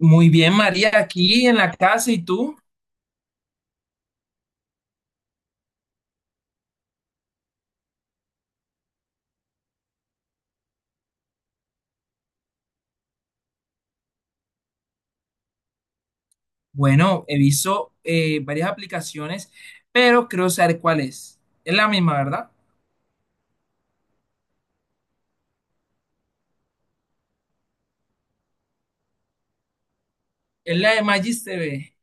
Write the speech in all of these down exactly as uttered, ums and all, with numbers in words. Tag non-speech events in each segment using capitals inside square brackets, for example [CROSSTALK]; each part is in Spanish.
Muy bien, María, aquí en la casa y tú. Bueno, he visto eh, varias aplicaciones, pero creo saber cuál es. Es la misma, ¿verdad? Es la de Magis T V.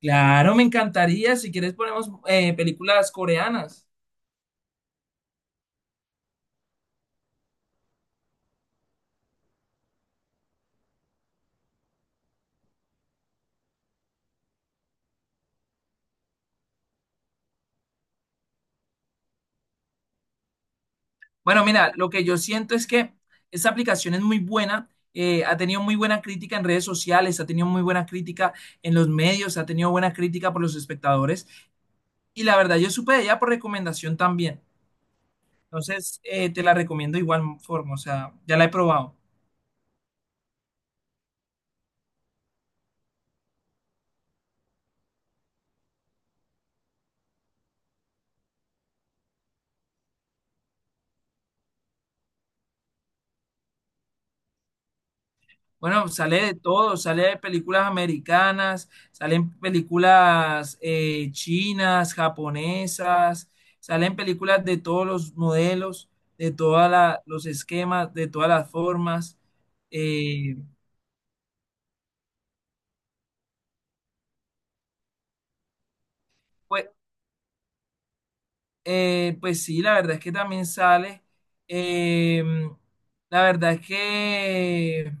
Claro, me encantaría. Si quieres, ponemos eh, películas coreanas. Bueno, mira, lo que yo siento es que esta aplicación es muy buena. Eh, ha tenido muy buena crítica en redes sociales, ha tenido muy buena crítica en los medios, ha tenido buena crítica por los espectadores. Y la verdad, yo supe de ella por recomendación también. Entonces, eh, te la recomiendo de igual forma, o sea, ya la he probado. Bueno, sale de todo, sale de películas americanas, salen películas eh, chinas, japonesas, salen películas de todos los modelos, de todos los esquemas, de todas las formas. Eh, pues, eh, pues sí, la verdad es que también sale. Eh, la verdad es que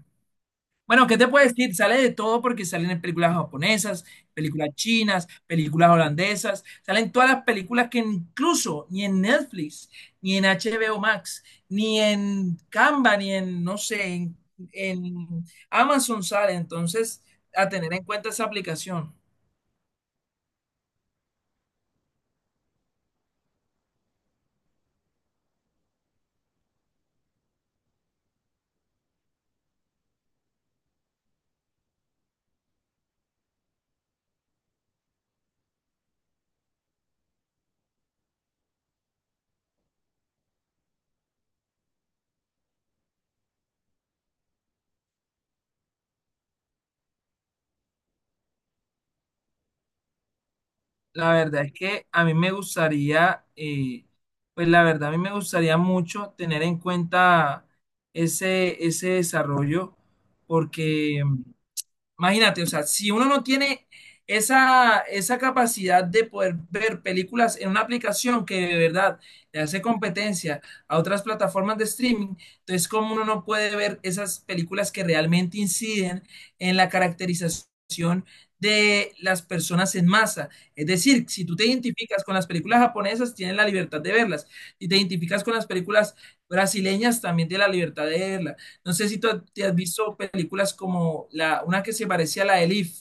Bueno, ¿qué te puedo decir? Sale de todo porque salen en películas japonesas, películas chinas, películas holandesas, salen todas las películas que incluso ni en Netflix, ni en H B O Max, ni en Canva, ni en, no sé, en, en Amazon sale. Entonces, a tener en cuenta esa aplicación. La verdad es que a mí me gustaría, eh, pues la verdad, a mí me gustaría mucho tener en cuenta ese, ese desarrollo porque... Imagínate, o sea, si uno no tiene esa, esa capacidad de poder ver películas en una aplicación que de verdad le hace competencia a otras plataformas de streaming, entonces cómo uno no puede ver esas películas que realmente inciden en la caracterización de las personas en masa. Es decir, si tú te identificas con las películas japonesas, tienes la libertad de verlas. Si te identificas con las películas brasileñas, también tienes la libertad de verlas. No sé si tú ha- te has visto películas como la, una que se parecía a la de Elif,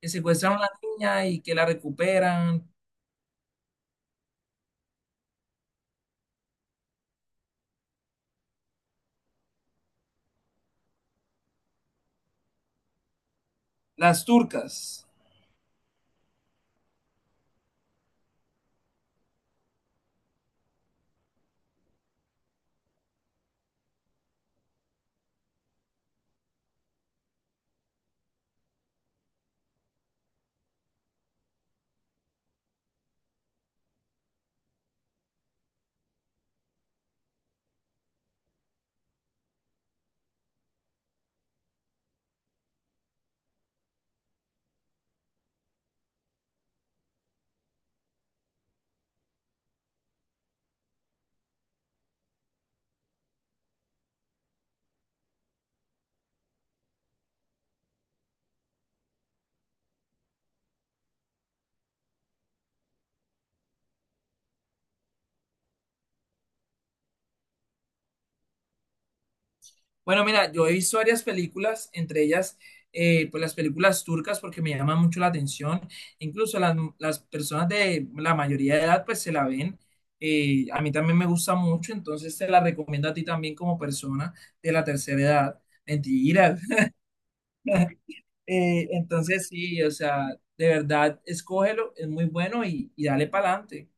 que secuestraron a la niña y que la recuperan, las turcas. Bueno, mira, yo he visto varias películas, entre ellas, eh, pues las películas turcas, porque me llaman mucho la atención. Incluso las, las personas de la mayoría de edad, pues se la ven. Eh, a mí también me gusta mucho, entonces te la recomiendo a ti también como persona de la tercera edad. Mentira. [LAUGHS] Eh, entonces sí, o sea, de verdad, escógelo, es muy bueno y, y dale para adelante.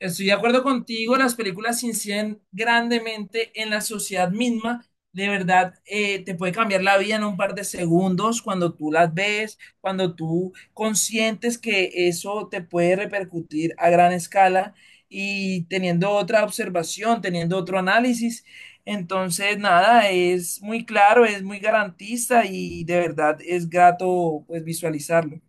Estoy de acuerdo contigo, las películas inciden grandemente en la sociedad misma. De verdad, eh, te puede cambiar la vida en un par de segundos cuando tú las ves, cuando tú consientes que eso te puede repercutir a gran escala y teniendo otra observación, teniendo otro análisis. Entonces, nada, es muy claro, es muy garantista y de verdad es grato pues visualizarlo.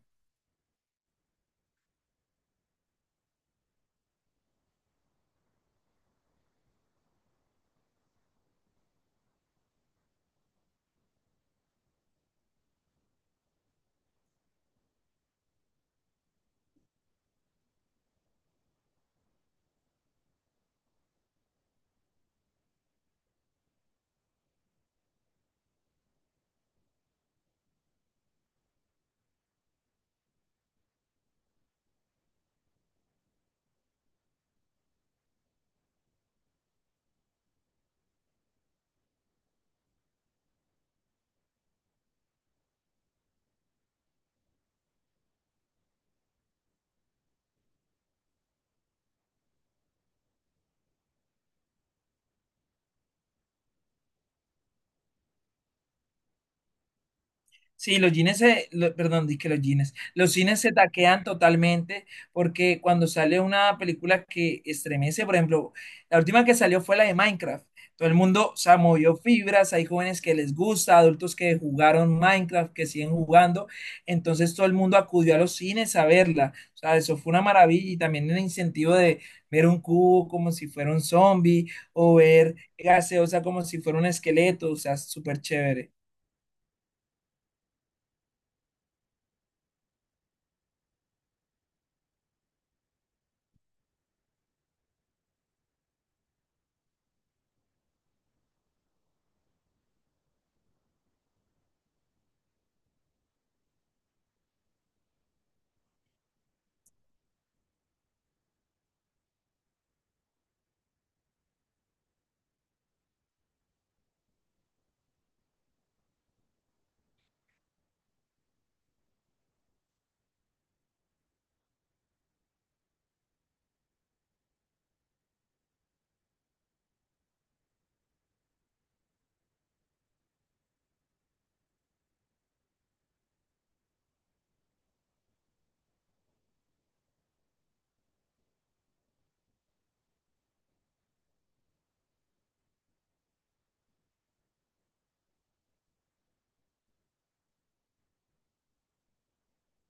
Sí, los jeans se, lo- perdón, dije los jeans. Los cines se taquean totalmente porque cuando sale una película que estremece, por ejemplo, la última que salió fue la de Minecraft. Todo el mundo se movió fibras, hay jóvenes que les gusta, adultos que jugaron Minecraft, que siguen jugando. Entonces todo el mundo acudió a los cines a verla. O sea, eso fue una maravilla y también el incentivo de ver un cubo como si fuera un zombie o ver gaseosa como si fuera un esqueleto. O sea, súper chévere.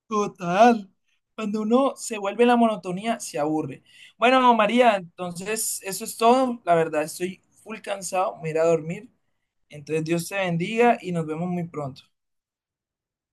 Total. Cuando uno se vuelve en la monotonía, se aburre. Bueno, María, entonces eso es todo. La verdad, estoy full cansado. Me iré a dormir. Entonces, Dios te bendiga y nos vemos muy pronto.